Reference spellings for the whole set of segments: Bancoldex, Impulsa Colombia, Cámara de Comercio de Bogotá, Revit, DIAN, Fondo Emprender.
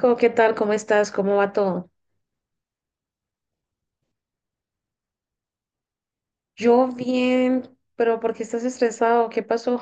¿Qué tal? ¿Cómo estás? ¿Cómo va todo? Yo bien, pero ¿por qué estás estresado? ¿Qué pasó?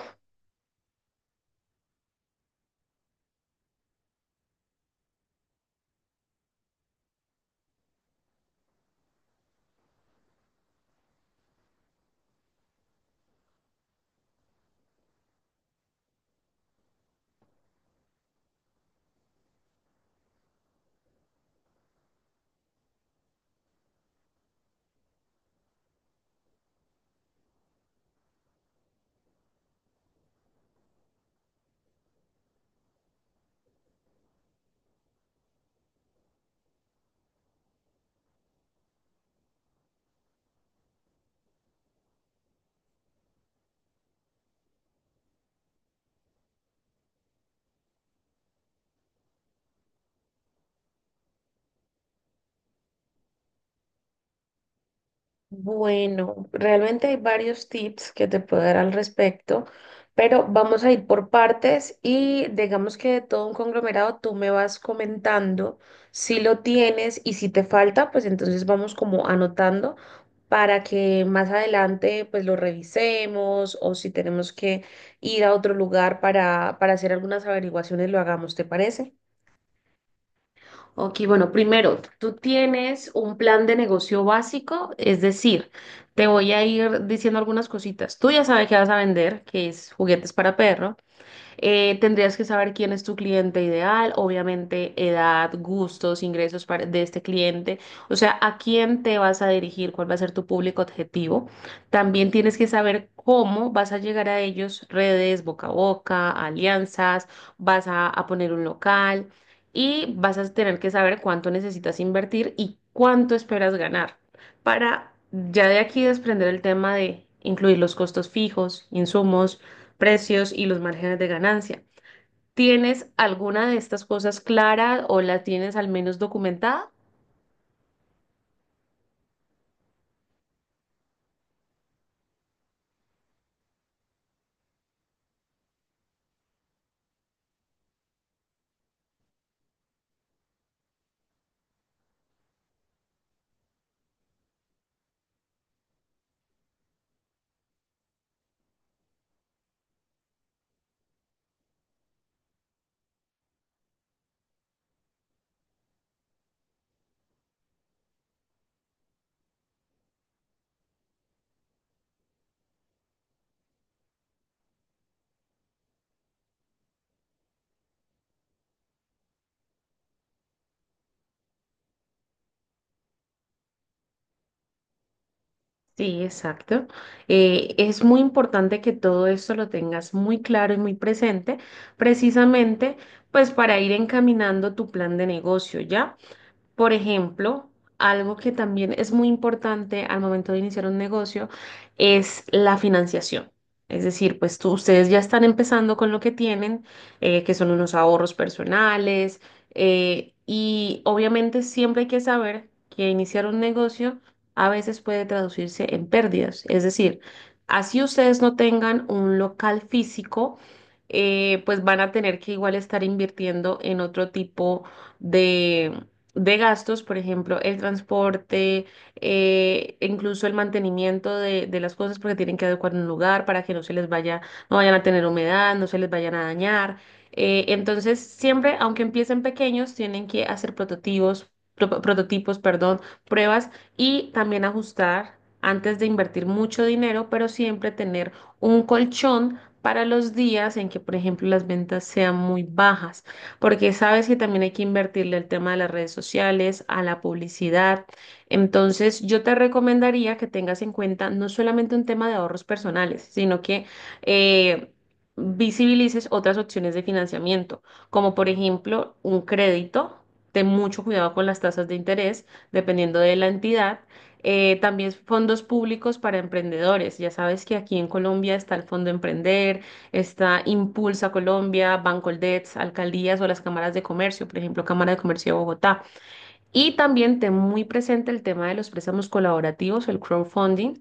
Bueno, realmente hay varios tips que te puedo dar al respecto, pero vamos a ir por partes y digamos que de todo un conglomerado tú me vas comentando si lo tienes y si te falta, pues entonces vamos como anotando para que más adelante pues lo revisemos o si tenemos que ir a otro lugar para hacer algunas averiguaciones lo hagamos, ¿te parece? Ok, bueno, primero, tú tienes un plan de negocio básico, es decir, te voy a ir diciendo algunas cositas. Tú ya sabes que vas a vender, que es juguetes para perros. Tendrías que saber quién es tu cliente ideal, obviamente edad, gustos, ingresos de este cliente, o sea, a quién te vas a dirigir, cuál va a ser tu público objetivo. También tienes que saber cómo vas a llegar a ellos, redes, boca a boca, alianzas, vas a poner un local y vas a tener que saber cuánto necesitas invertir y cuánto esperas ganar para ya de aquí desprender el tema de incluir los costos fijos, insumos precios y los márgenes de ganancia. ¿Tienes alguna de estas cosas clara o la tienes al menos documentada? Sí, exacto. Es muy importante que todo esto lo tengas muy claro y muy presente, precisamente pues para ir encaminando tu plan de negocio, ¿ya? Por ejemplo, algo que también es muy importante al momento de iniciar un negocio es la financiación. Es decir, pues ustedes ya están empezando con lo que tienen, que son unos ahorros personales, y obviamente siempre hay que saber que iniciar un negocio a veces puede traducirse en pérdidas. Es decir, así ustedes no tengan un local físico, pues van a tener que igual estar invirtiendo en otro tipo de gastos, por ejemplo, el transporte, e incluso el mantenimiento de las cosas porque tienen que adecuar un lugar para que no se les vaya, no vayan a tener humedad, no se les vayan a dañar. Entonces, siempre, aunque empiecen pequeños, tienen que hacer prototipos, prototipos, perdón, pruebas y también ajustar antes de invertir mucho dinero, pero siempre tener un colchón para los días en que, por ejemplo, las ventas sean muy bajas porque sabes que también hay que invertirle el tema de las redes sociales, a la publicidad. Entonces, yo te recomendaría que tengas en cuenta no solamente un tema de ahorros personales, sino que eh, visibilices otras opciones de financiamiento, como por ejemplo un crédito. Ten mucho cuidado con las tasas de interés, dependiendo de la entidad. También fondos públicos para emprendedores. Ya sabes que aquí en Colombia está el Fondo Emprender, está Impulsa Colombia, Bancoldex, alcaldías o las cámaras de comercio, por ejemplo, Cámara de Comercio de Bogotá. Y también ten muy presente el tema de los préstamos colaborativos, el crowdfunding.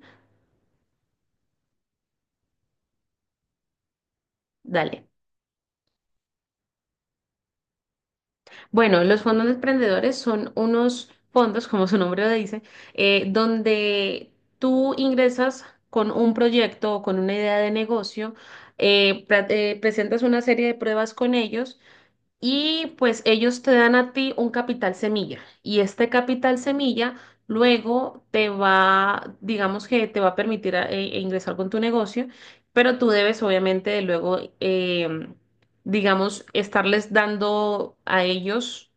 Dale. Bueno, los fondos de emprendedores son unos fondos, como su nombre lo dice, donde tú ingresas con un proyecto o con una idea de negocio, presentas una serie de pruebas con ellos. Y pues ellos te dan a ti un capital semilla y este capital semilla luego te va, digamos que te va a permitir ingresar con tu negocio, pero tú debes obviamente luego, digamos, estarles dando a ellos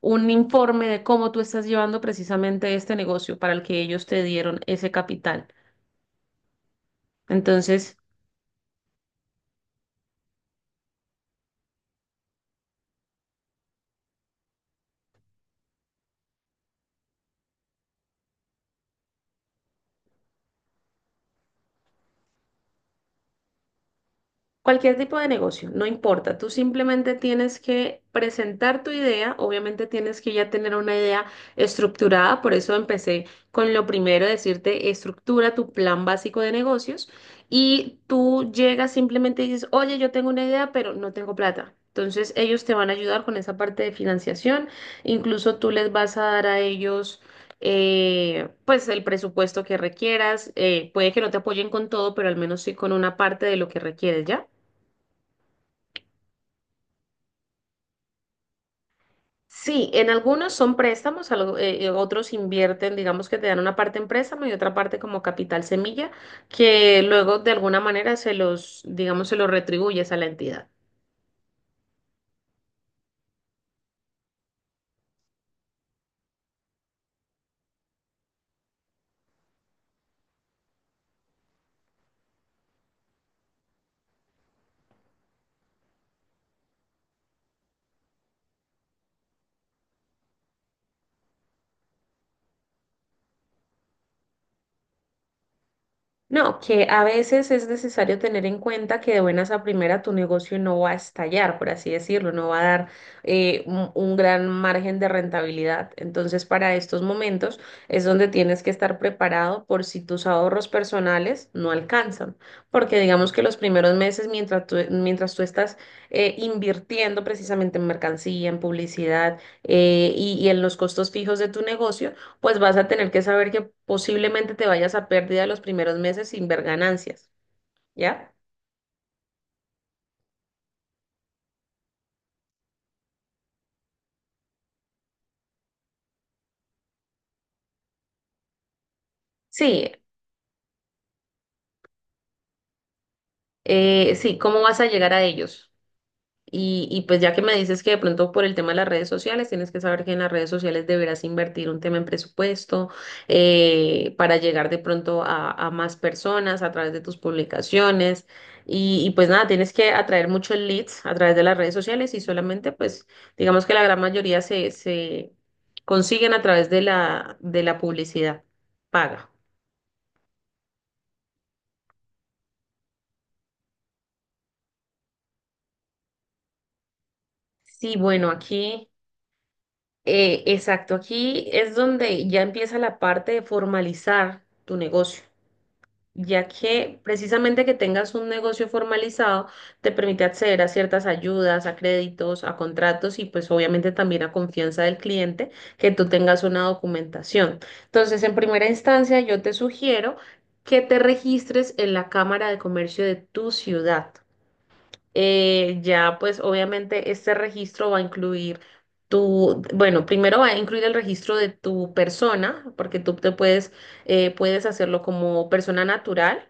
un informe de cómo tú estás llevando precisamente este negocio para el que ellos te dieron ese capital. Entonces… Cualquier tipo de negocio, no importa. Tú simplemente tienes que presentar tu idea. Obviamente tienes que ya tener una idea estructurada. Por eso empecé con lo primero, decirte, estructura tu plan básico de negocios. Y tú llegas simplemente y dices, oye, yo tengo una idea, pero no tengo plata. Entonces ellos te van a ayudar con esa parte de financiación. Incluso tú les vas a dar a ellos… pues el presupuesto que requieras. Puede que no te apoyen con todo, pero al menos sí con una parte de lo que requieres, ¿ya? Sí, en algunos son préstamos, otros invierten, digamos que te dan una parte en préstamo y otra parte como capital semilla, que luego de alguna manera se los, digamos, se los retribuyes a la entidad. No, que a veces es necesario tener en cuenta que de buenas a primera tu negocio no va a estallar, por así decirlo, no va a dar un gran margen de rentabilidad. Entonces, para estos momentos es donde tienes que estar preparado por si tus ahorros personales no alcanzan, porque digamos que los primeros meses mientras tú estás invirtiendo precisamente en mercancía, en publicidad y en los costos fijos de tu negocio, pues vas a tener que saber que posiblemente te vayas a pérdida los primeros meses sin ver ganancias, ¿ya? Sí, sí, ¿cómo vas a llegar a ellos? Y pues ya que me dices que de pronto por el tema de las redes sociales, tienes que saber que en las redes sociales deberás invertir un tema en presupuesto para llegar de pronto a más personas a través de tus publicaciones. Y pues nada, tienes que atraer muchos leads a través de las redes sociales y solamente pues digamos que la gran mayoría se consiguen a través de la, publicidad paga. Sí, bueno, aquí, exacto, aquí es donde ya empieza la parte de formalizar tu negocio. Ya que precisamente que tengas un negocio formalizado te permite acceder a ciertas ayudas, a créditos, a contratos y pues obviamente también a confianza del cliente que tú tengas una documentación. Entonces, en primera instancia, yo te sugiero que te registres en la Cámara de Comercio de tu ciudad. Ya pues obviamente este registro va a incluir tu, bueno, primero va a incluir el registro de tu persona, porque puedes hacerlo como persona natural,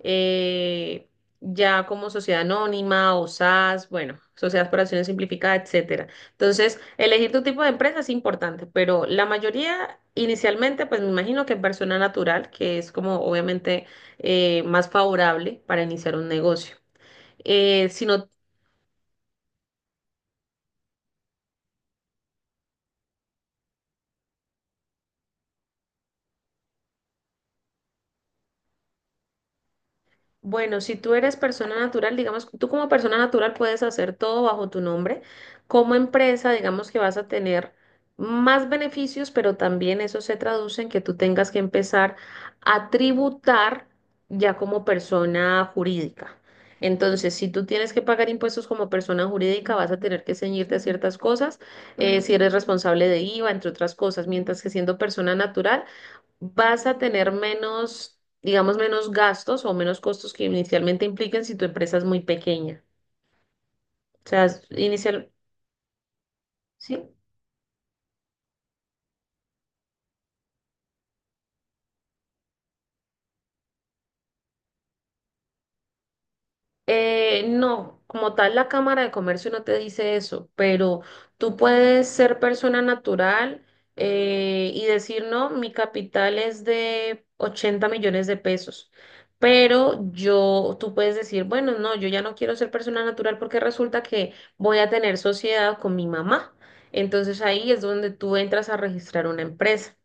eh, ya como sociedad anónima o SAS, bueno, sociedades por acciones simplificadas, etcétera. Entonces, elegir tu tipo de empresa es importante, pero la mayoría inicialmente, pues me imagino que persona natural, que es como obviamente más favorable para iniciar un negocio. Eh, si no Bueno, si tú eres persona natural, digamos, tú como persona natural puedes hacer todo bajo tu nombre. Como empresa, digamos que vas a tener más beneficios, pero también eso se traduce en que tú tengas que empezar a tributar ya como persona jurídica. Entonces, si tú tienes que pagar impuestos como persona jurídica, vas a tener que ceñirte a ciertas cosas, si eres responsable de IVA, entre otras cosas, mientras que siendo persona natural vas a tener menos, digamos, menos gastos o menos costos que inicialmente implican si tu empresa es muy pequeña. O sea, es inicial, ¿sí? No, como tal la Cámara de Comercio no te dice eso, pero tú puedes ser persona natural y decir, no, mi capital es de 80 millones de pesos, pero tú puedes decir, bueno, no, yo ya no quiero ser persona natural porque resulta que voy a tener sociedad con mi mamá. Entonces ahí es donde tú entras a registrar una empresa.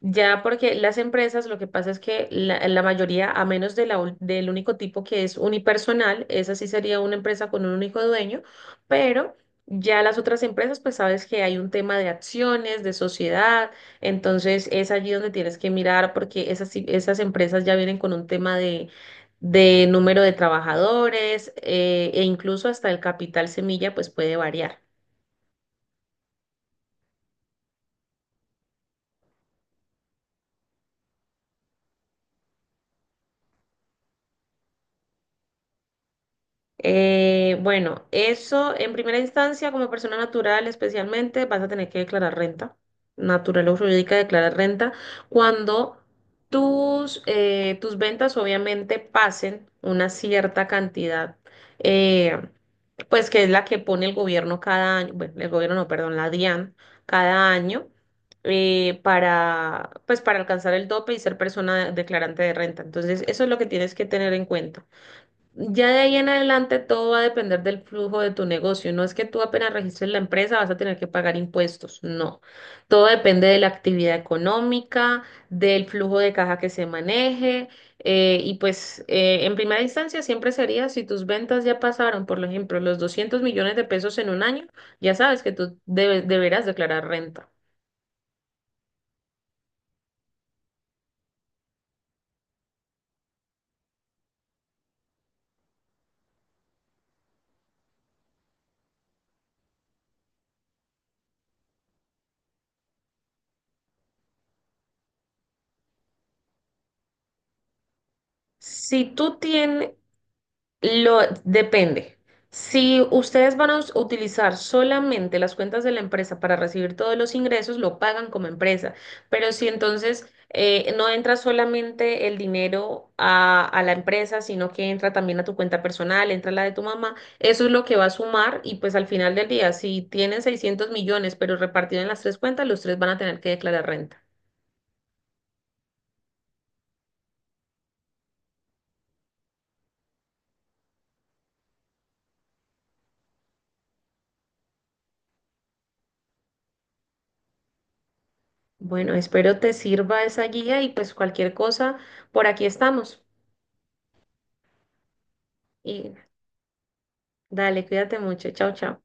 Ya porque las empresas, lo que pasa es que la mayoría, a menos del único tipo que es unipersonal, esa sí sería una empresa con un único dueño, pero ya las otras empresas, pues sabes que hay un tema de acciones, de sociedad, entonces es allí donde tienes que mirar porque esas empresas ya vienen con un tema de número de trabajadores, e incluso hasta el capital semilla, pues puede variar. Bueno, eso en primera instancia, como persona natural especialmente, vas a tener que declarar renta. Natural o jurídica declarar renta cuando tus ventas obviamente pasen una cierta cantidad, eh, pues que es la que pone el gobierno cada año, bueno, el gobierno no, perdón, la DIAN cada año. Para pues para alcanzar el tope y ser persona declarante de renta. Entonces, eso es lo que tienes que tener en cuenta. Ya de ahí en adelante todo va a depender del flujo de tu negocio. No es que tú apenas registres la empresa vas a tener que pagar impuestos. No. Todo depende de la actividad económica, del flujo de caja que se maneje. Y pues en primera instancia siempre sería si tus ventas ya pasaron, por ejemplo, los 200 millones de pesos en un año, ya sabes que tú deberás declarar renta. Si tú tienes, Lo depende. Si ustedes van a utilizar solamente las cuentas de la empresa para recibir todos los ingresos, lo pagan como empresa. Pero si entonces no entra solamente el dinero a, la empresa, sino que entra también a tu cuenta personal, entra la de tu mamá, eso es lo que va a sumar y pues al final del día, si tienen 600 millones, pero repartido en las tres cuentas, los tres van a tener que declarar renta. Bueno, espero te sirva esa guía y pues cualquier cosa, por aquí estamos. Y Dale, cuídate mucho. Chao, chao.